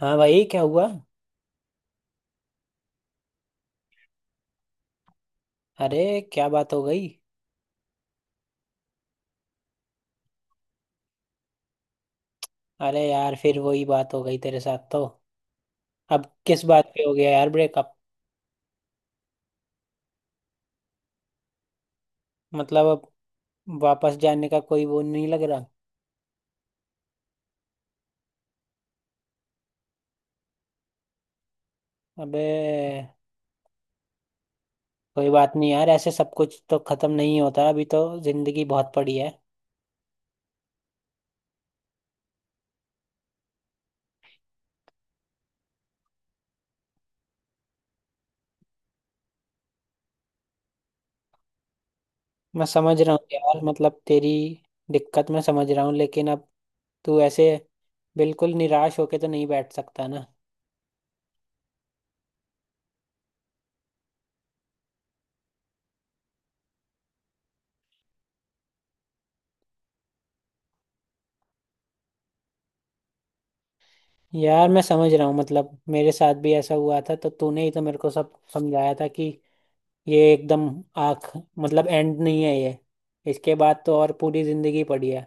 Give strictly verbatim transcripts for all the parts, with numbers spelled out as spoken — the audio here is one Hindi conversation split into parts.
हाँ भाई, क्या हुआ? अरे, क्या बात हो गई? अरे यार, फिर वही बात हो गई तेरे साथ तो। अब किस बात पे हो गया यार ब्रेकअप? मतलब अब वापस जाने का कोई वो नहीं लग रहा। अबे, कोई बात नहीं यार, ऐसे सब कुछ तो खत्म नहीं होता, अभी तो जिंदगी बहुत पड़ी है। मैं समझ रहा हूँ यार, मतलब तेरी दिक्कत मैं समझ रहा हूँ, लेकिन अब तू ऐसे बिल्कुल निराश होके तो नहीं बैठ सकता ना। यार मैं समझ रहा हूँ, मतलब मेरे साथ भी ऐसा हुआ था, तो तूने ही तो मेरे को सब समझाया था कि ये एकदम आख मतलब एंड नहीं है ये, इसके बाद तो और पूरी जिंदगी पड़ी है।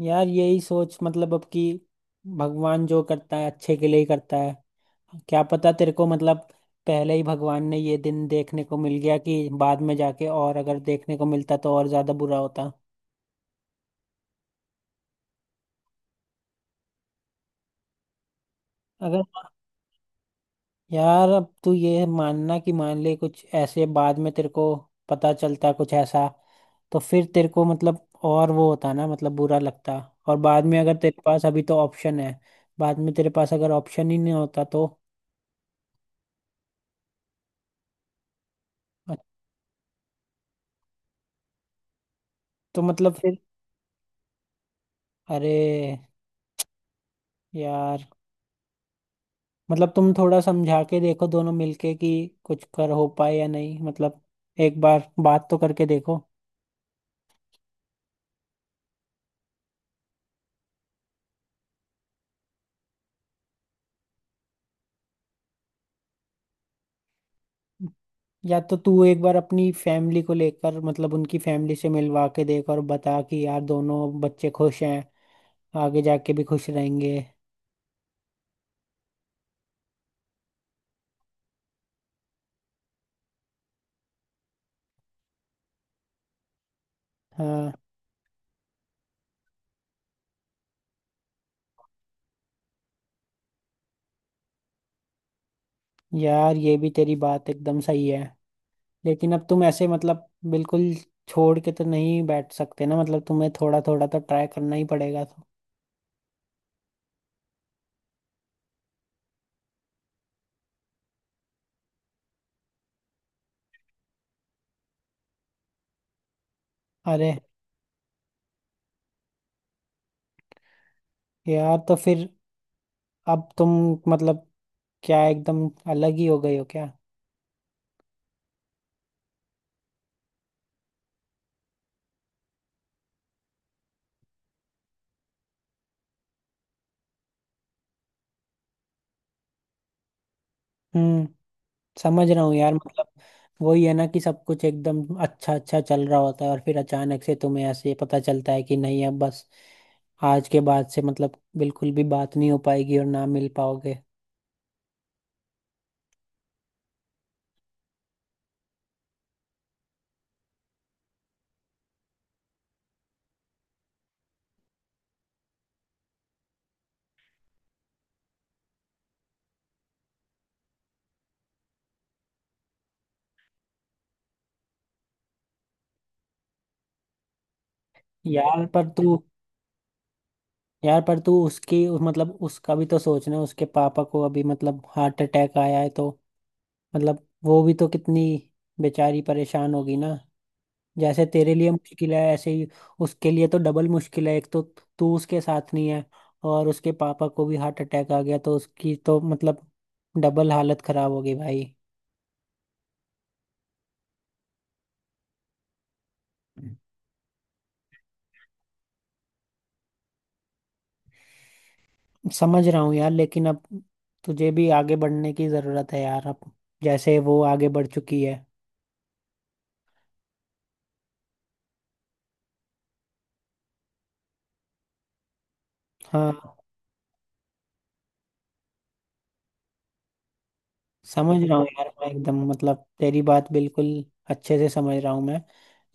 यार यही सोच, मतलब अब कि भगवान जो करता है अच्छे के लिए ही करता है। क्या पता तेरे को, मतलब पहले ही भगवान ने ये दिन देखने को मिल गया, कि बाद में जाके और अगर देखने को मिलता तो और ज्यादा बुरा होता। अगर यार अब तू ये मानना कि मान ले कुछ ऐसे बाद में तेरे को पता चलता कुछ ऐसा, तो फिर तेरे को मतलब और वो होता ना, मतलब बुरा लगता। और बाद में अगर तेरे पास अभी तो ऑप्शन है, बाद में तेरे पास अगर ऑप्शन ही नहीं होता तो। तो मतलब फिर। अरे यार, मतलब तुम थोड़ा समझा के देखो दोनों मिलके कि कुछ कर हो पाए या नहीं, मतलब एक बार बात तो करके देखो। या तो तू एक बार अपनी फैमिली को लेकर, मतलब उनकी फैमिली से मिलवा के देख और बता कि यार दोनों बच्चे खुश हैं, आगे जाके भी खुश रहेंगे। हाँ। यार ये भी तेरी बात एकदम सही है, लेकिन अब तुम ऐसे मतलब बिल्कुल छोड़ के तो नहीं बैठ सकते ना, मतलब तुम्हें थोड़ा थोड़ा तो ट्राई करना ही पड़ेगा तो। अरे। यार तो फिर अब तुम, मतलब, क्या एकदम अलग ही हो गई हो क्या? हम्म समझ रहा हूँ यार, मतलब वही है ना कि सब कुछ एकदम अच्छा अच्छा चल रहा होता है और फिर अचानक से तुम्हें ऐसे पता चलता है कि नहीं अब बस, आज के बाद से मतलब बिल्कुल भी बात नहीं हो पाएगी और ना मिल पाओगे। यार पर तू यार पर तू उसकी उस- मतलब उसका भी तो सोचना, उसके पापा को अभी मतलब हार्ट अटैक आया है तो, मतलब वो भी तो कितनी बेचारी परेशान होगी ना। जैसे तेरे लिए मुश्किल है ऐसे ही उसके लिए तो डबल मुश्किल है, एक तो तू उसके साथ नहीं है और उसके पापा को भी हार्ट अटैक आ गया, तो उसकी तो मतलब डबल हालत खराब होगी भाई। हम्म। समझ रहा हूँ यार, लेकिन अब तुझे भी आगे बढ़ने की ज़रूरत है यार, अब जैसे वो आगे बढ़ चुकी है। हाँ। समझ रहा हूँ यार मैं, एकदम मतलब तेरी बात बिल्कुल अच्छे से समझ रहा हूँ मैं,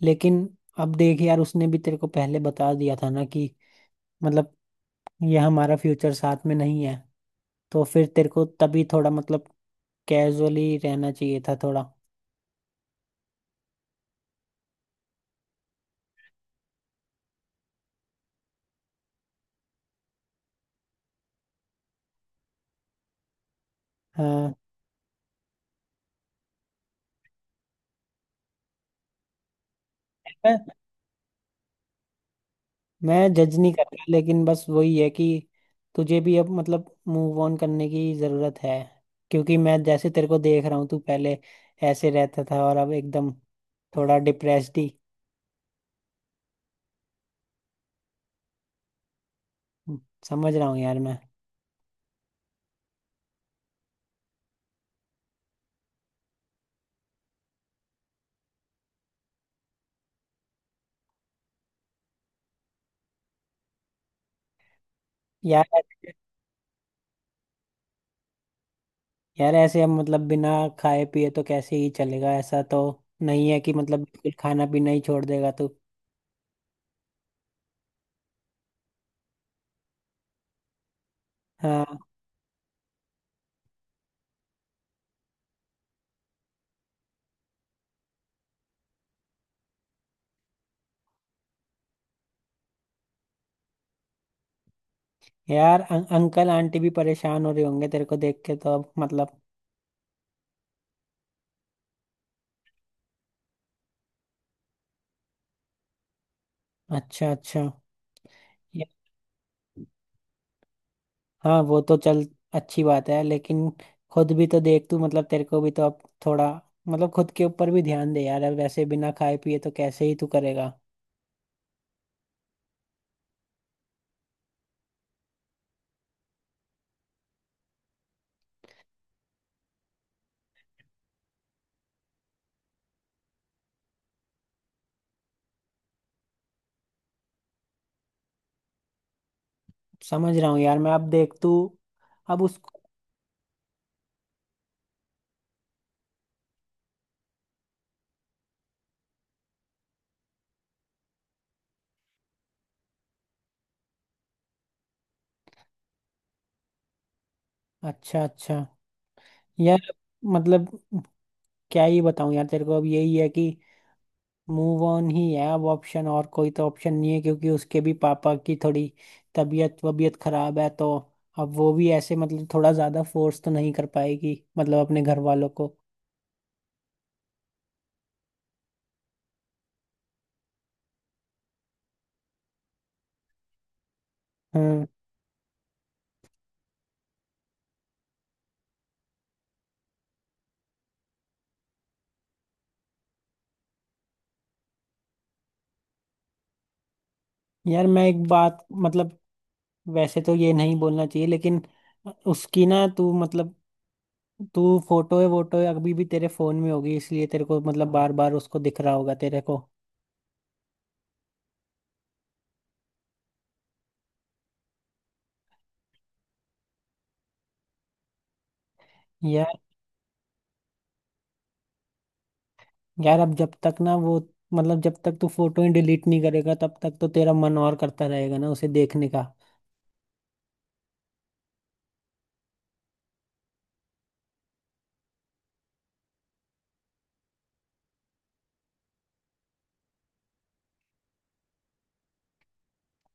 लेकिन अब देख यार, उसने भी तेरे को पहले बता दिया था ना कि, मतलब, यह हमारा फ्यूचर साथ में नहीं है, तो फिर तेरे को तभी थोड़ा मतलब कैजुअली रहना चाहिए था थोड़ा। हाँ। मैं मैं जज नहीं कर रहा, लेकिन बस वही है कि तुझे भी अब मतलब मूव ऑन करने की ज़रूरत है, क्योंकि मैं जैसे तेरे को देख रहा हूँ तू पहले ऐसे रहता था और अब एकदम थोड़ा डिप्रेस्ड ही। समझ रहा हूँ यार मैं। यार यार ऐसे हम मतलब बिना खाए पिए तो कैसे ही चलेगा, ऐसा तो नहीं है कि मतलब बिल्कुल खाना पीना ही छोड़ देगा तू। हाँ। यार अं, अंकल आंटी भी परेशान हो रहे होंगे तेरे को देख के तो अब मतलब। अच्छा, अच्छा। ये- हाँ, वो तो चल, अच्छी बात है, लेकिन खुद भी तो देख तू, मतलब तेरे को भी तो अब थोड़ा, मतलब खुद के ऊपर भी ध्यान दे यार, अब ऐसे बिना खाए पिए तो कैसे ही तू करेगा? समझ रहा हूँ यार मैं, अब देख तू, अब उसको। अच्छा, अच्छा। यार मतलब क्या ही बताऊं यार तेरे को, अब यही है कि मूव ऑन ही है अब ऑप्शन, और कोई तो ऑप्शन नहीं है, क्योंकि उसके भी पापा की थोड़ी तबीयत वबीयत खराब है तो, अब वो भी ऐसे मतलब थोड़ा ज्यादा फोर्स तो नहीं कर पाएगी मतलब अपने घर वालों को। हम्म यार मैं एक बात, मतलब वैसे तो ये नहीं बोलना चाहिए लेकिन, उसकी ना तू मतलब, तू फोटो है वोटो है अभी भी तेरे फोन में होगी, इसलिए तेरे को मतलब बार बार उसको दिख रहा होगा तेरे को। यार अब जब तक ना वो, मतलब जब तक तू फोटो ही डिलीट नहीं करेगा तब तक तो तेरा मन और करता रहेगा ना उसे देखने का।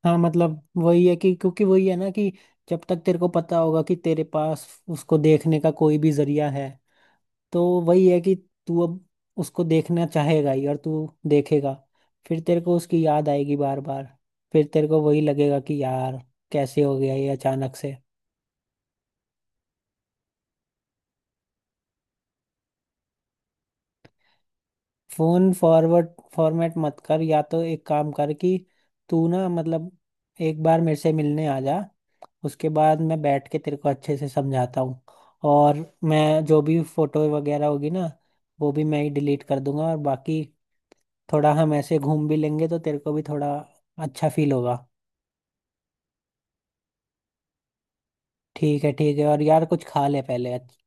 हाँ, मतलब वही है कि, क्योंकि वही है ना कि जब तक तेरे को पता होगा कि तेरे पास उसको देखने का कोई भी जरिया है, तो वही है कि तू अब उसको देखना चाहेगा ही और तू देखेगा, फिर तेरे को उसकी याद आएगी बार बार, फिर तेरे को वही लगेगा कि यार कैसे हो गया ये अचानक से। फोन फॉरवर्ड फॉर्मेट मत कर, या तो एक काम कर कि तू ना मतलब एक बार मेरे से मिलने आ जा, उसके बाद मैं बैठ के तेरे को अच्छे से समझाता हूँ, और मैं जो भी फोटो वगैरह होगी ना वो भी मैं ही डिलीट कर दूंगा, और बाकी थोड़ा हम ऐसे घूम भी लेंगे तो तेरे को भी थोड़ा अच्छा फील होगा। ठीक है, ठीक है, और यार कुछ खा ले पहले अच्छ-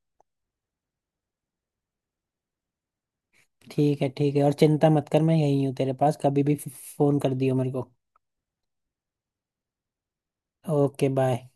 ठीक है, ठीक है, और चिंता मत कर, मैं यहीं हूँ तेरे पास, कभी भी फ़ोन कर दियो मेरे को। Okay, bye.